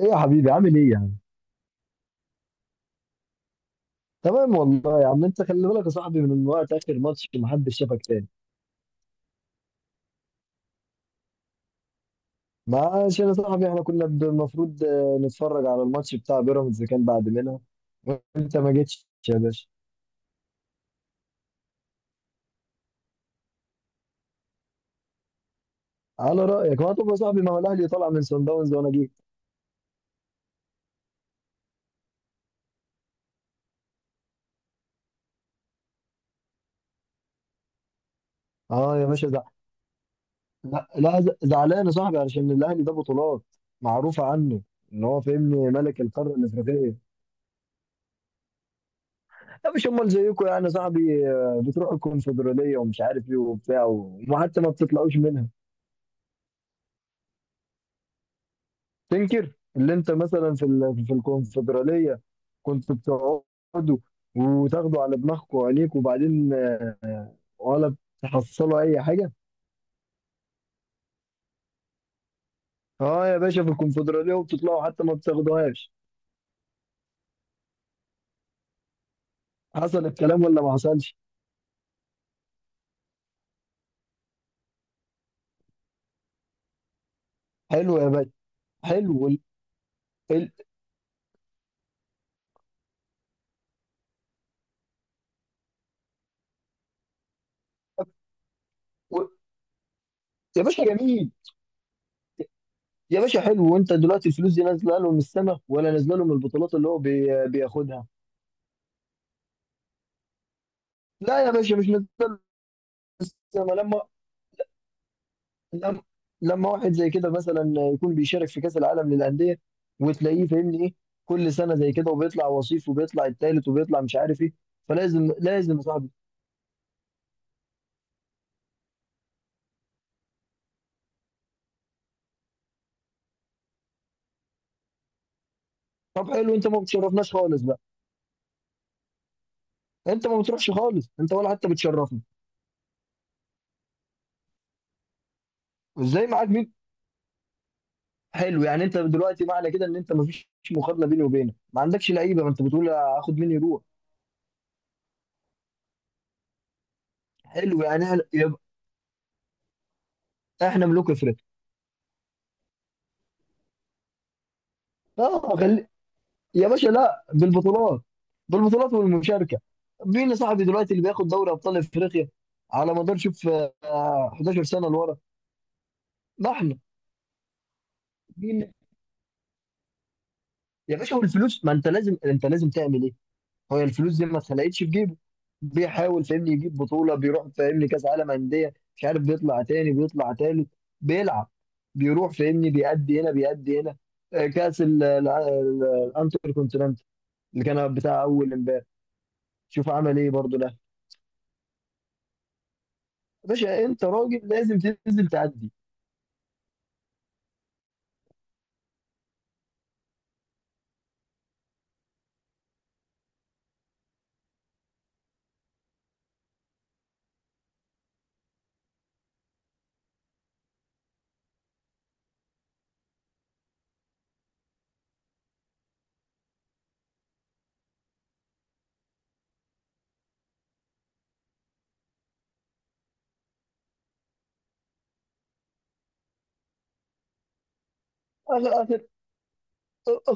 ايه يا حبيبي عامل ايه يا عم؟ تمام والله يا عم. انت خلي بالك يا صاحبي من وقت اخر ماتش، ما حدش شافك تاني. ما عشان يا صاحبي احنا كنا المفروض نتفرج على الماتش بتاع بيراميدز اللي كان بعد منها، وانت ما جيتش يا باشا. على رايك. ما طب يا صاحبي، ما هو الاهلي طالع من سان داونز وانا جيت. اه يا باشا لا لا زعلان يا صاحبي، علشان الاهلي ده بطولات معروفه عنه. ان هو فاهمني ملك القاره الافريقيه. لا مش امال زيكم يعني يا صاحبي، بتروحوا الكونفدراليه ومش عارف ايه وبتاع، وحتى ما بتطلعوش منها. تنكر اللي انت مثلا في في الكونفدراليه كنت بتقعدوا، وتاخدوا على دماغكم وعينيكم، وبعدين ولا تحصلوا اي حاجه. اه يا باشا، في الكونفدراليه وبتطلعوا، حتى ما بتاخدوهاش. حصل الكلام ولا ما حصلش؟ حلو يا باشا. حلو ال... ال... و... يا باشا جميل. يا باشا حلو. وانت دلوقتي الفلوس دي نازله له من السما، ولا نازله له من البطولات اللي هو بياخدها؟ لا يا باشا، مش نازله من السما. لما لما واحد زي كده مثلا يكون بيشارك في كأس العالم للأندية، وتلاقيه فاهمني ايه، كل سنة زي كده، وبيطلع وصيف، وبيطلع التالت، وبيطلع مش عارف ايه. لازم يا صاحبي. طب حلو، انت ما بتشرفناش خالص بقى. انت ما بتروحش خالص، انت ولا حتى بتشرفنا. ازاي معاك مين. حلو، يعني انت دلوقتي معنى كده ان انت ما فيش مقارنة بيني وبينك، ما عندكش لعيبة، ما انت بتقول هاخد مين يروح. حلو يعني احنا يبقى احنا ملوك افريقيا. اه يا باشا، لا بالبطولات، بالبطولات والمشاركه. مين يا صاحبي دلوقتي اللي بياخد دوري ابطال افريقيا على مدار شوف 11 سنه لورا. ما احنا. مين يا باشا، هو الفلوس؟ ما انت انت لازم تعمل ايه؟ هو الفلوس دي ما اتخلقتش في جيبه. بيحاول فاهمني يجيب بطوله، بيروح فاهمني كاس عالم انديه، مش عارف بيطلع تاني بيطلع تالت، بيلعب، بيروح فاهمني بيأدي هنا بيأدي هنا، كاس الانتر كونتيننت اللي كان بتاع اول امبارح. شوف عمل ايه برضه. باشا انت راجل لازم تنزل تعدي. اخر اخر.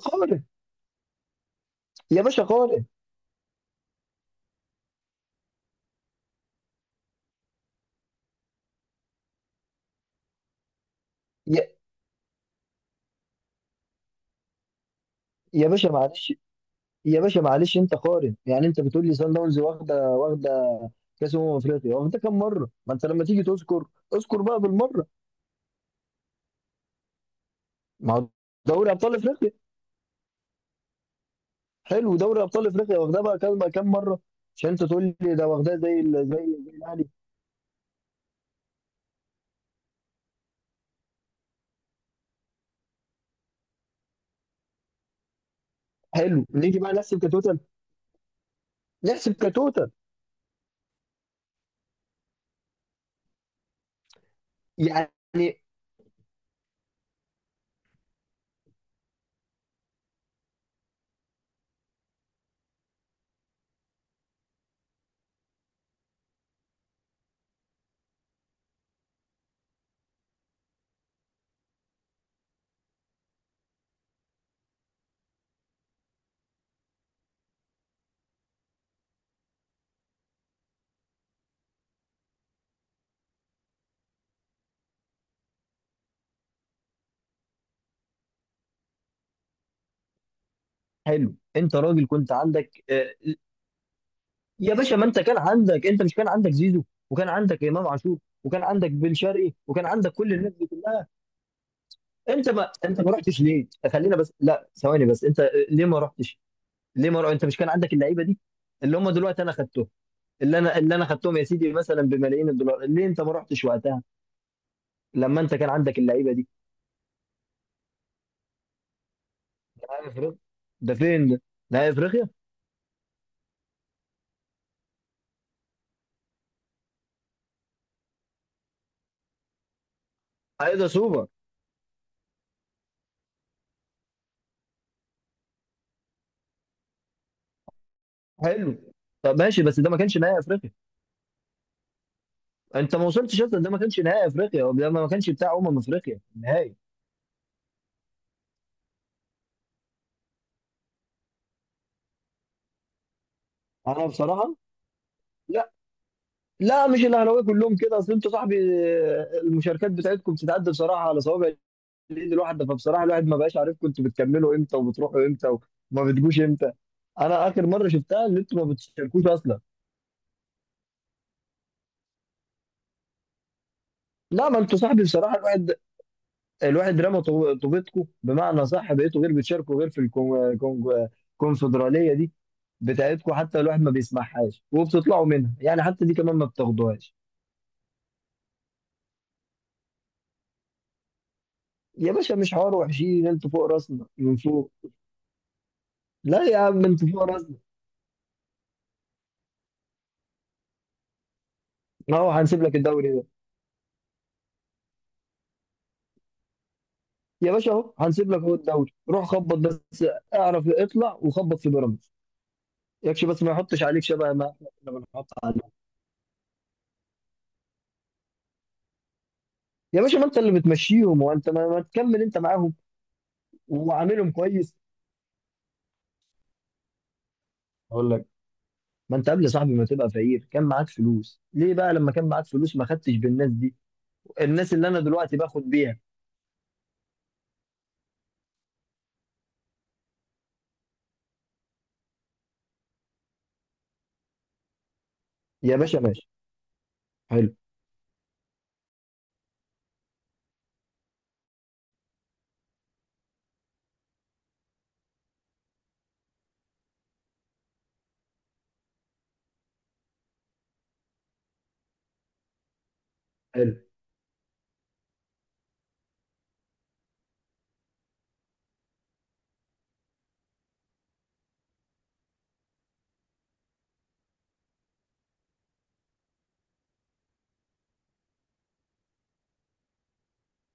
قارن يا باشا، قارن. يا, يا باشا معلش، يا باشا معلش انت قارن. يعني انت بتقول لي سان داونز واخده واخده كاس افريقيا، واخده كام مره؟ ما انت لما تيجي تذكر، اذكر بقى بالمره. ما هو دوري ابطال افريقيا. حلو، دوري ابطال افريقيا واخدها بقى كام كام مره؟ عشان انت تقول لي ده واخدها زي زي الاهلي. حلو نيجي بقى نحسب كتوتال، نحسب كتوتال يعني. حلو انت راجل، كنت عندك يا باشا. ما انت كان عندك، انت مش كان عندك زيزو، وكان عندك امام عاشور، وكان عندك بن شرقي، وكان عندك كل الناس دي كلها. انت ما رحتش ليه؟ خلينا بس، لا ثواني بس. انت ليه ما رحتش؟ ليه ما رحتش؟ انت مش كان عندك اللعيبه دي اللي هم دلوقتي انا خدتهم؟ اللي انا خدتهم يا سيدي مثلا بملايين الدولار. ليه انت ما رحتش وقتها لما انت كان عندك اللعيبه دي؟ نهائي افريقيا؟ ده فين ده؟ نهائي افريقيا؟ ايه ده سوبر؟ حلو. طب ماشي، بس ده ما كانش نهائي افريقيا. انت ما وصلتش اصلا. ده ما كانش نهائي افريقيا، ده ما كانش بتاع افريقيا النهائي. انا بصراحه، لا، لا مش الاهلاويه كلهم كده. اصل انتوا صاحبي المشاركات بتاعتكم بتتعدى بصراحه على صوابع الايد الواحده، فبصراحه الواحد ما بقاش عارفكم انتوا بتكملوا امتى، وبتروحوا امتى، وما بتجوش امتى. انا اخر مره شفتها ان انتوا ما بتشاركوش اصلا. لا ما انتوا صاحبي بصراحه، الواحد، الواحد رمى طوبتكم بمعنى صح. بقيتوا غير بتشاركوا غير في الكونفدراليه دي بتاعتكم، حتى الواحد ما بيسمعهاش، وبتطلعوا منها يعني، حتى دي كمان ما بتاخدوهاش. يا باشا مش حوار وحشين، انتوا فوق راسنا من فوق. لا يا عم انت فيه نازله. اهو هنسيب لك الدوري ده، يا باشا اهو هنسيب لك اهو الدوري، روح خبط بس. اعرف اطلع وخبط في بيراميدز، يكفي بس ما يحطش عليك شبه ما احنا بنحط عليك. يا باشا ما انت اللي بتمشيهم، وانت ما تكمل انت معاهم وعاملهم كويس. اقول لك، ما انت قبل يا صاحبي ما تبقى فقير كان معاك فلوس، ليه بقى لما كان معاك فلوس ما خدتش بالناس دي، الناس اللي انا دلوقتي باخد بيها؟ يا باشا ماشي. حلو، حلو.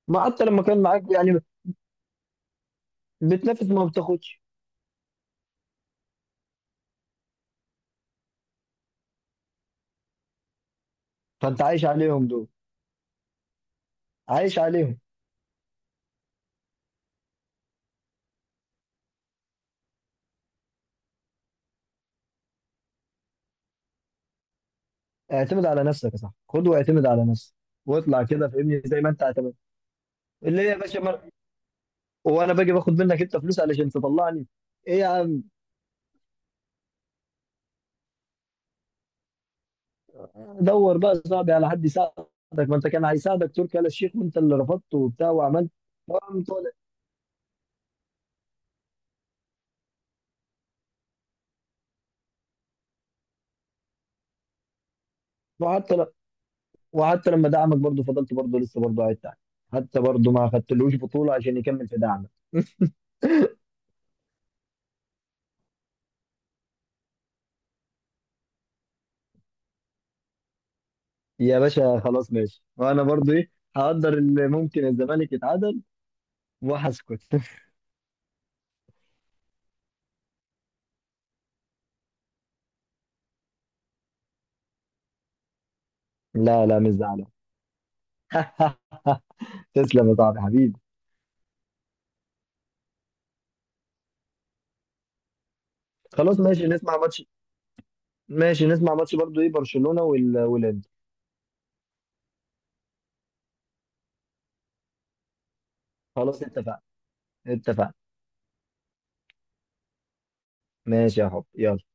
ما حتى لما كان معاك يعني بتنافس ما بتاخدش. فانت عايش عليهم دول، عايش عليهم. اعتمد على نفسك يا صاحبي، خد واعتمد على نفسك. واطلع كده فاهمني زي ما انت اعتمد، اللي هي يا باشا وانا باجي باخد منك انت فلوس علشان تطلعني. ايه يا عم. دور بقى يا صاحبي على حد يساعدك. ما انت كان هيساعدك تركي آل الشيخ وانت اللي رفضته وبتاع، وعملت وقام طالع. وحتى ل... وحتى لما دعمك برضه، فضلت برضه لسه برضه قاعد تحت، حتى برضه ما خدتلوش بطولة عشان يكمل في دعمك. يا باشا خلاص ماشي، وانا برضه ايه هقدر؟ اللي ممكن الزمالك يتعادل وهسكت. لا لا مش زعلان. تسلم يا صاحبي حبيبي. خلاص ماشي نسمع ماتش، ماشي نسمع ماتش برضو ايه برشلونة والانتر. خلاص اتفقنا، اتفقنا. ماشي يا حب يلا.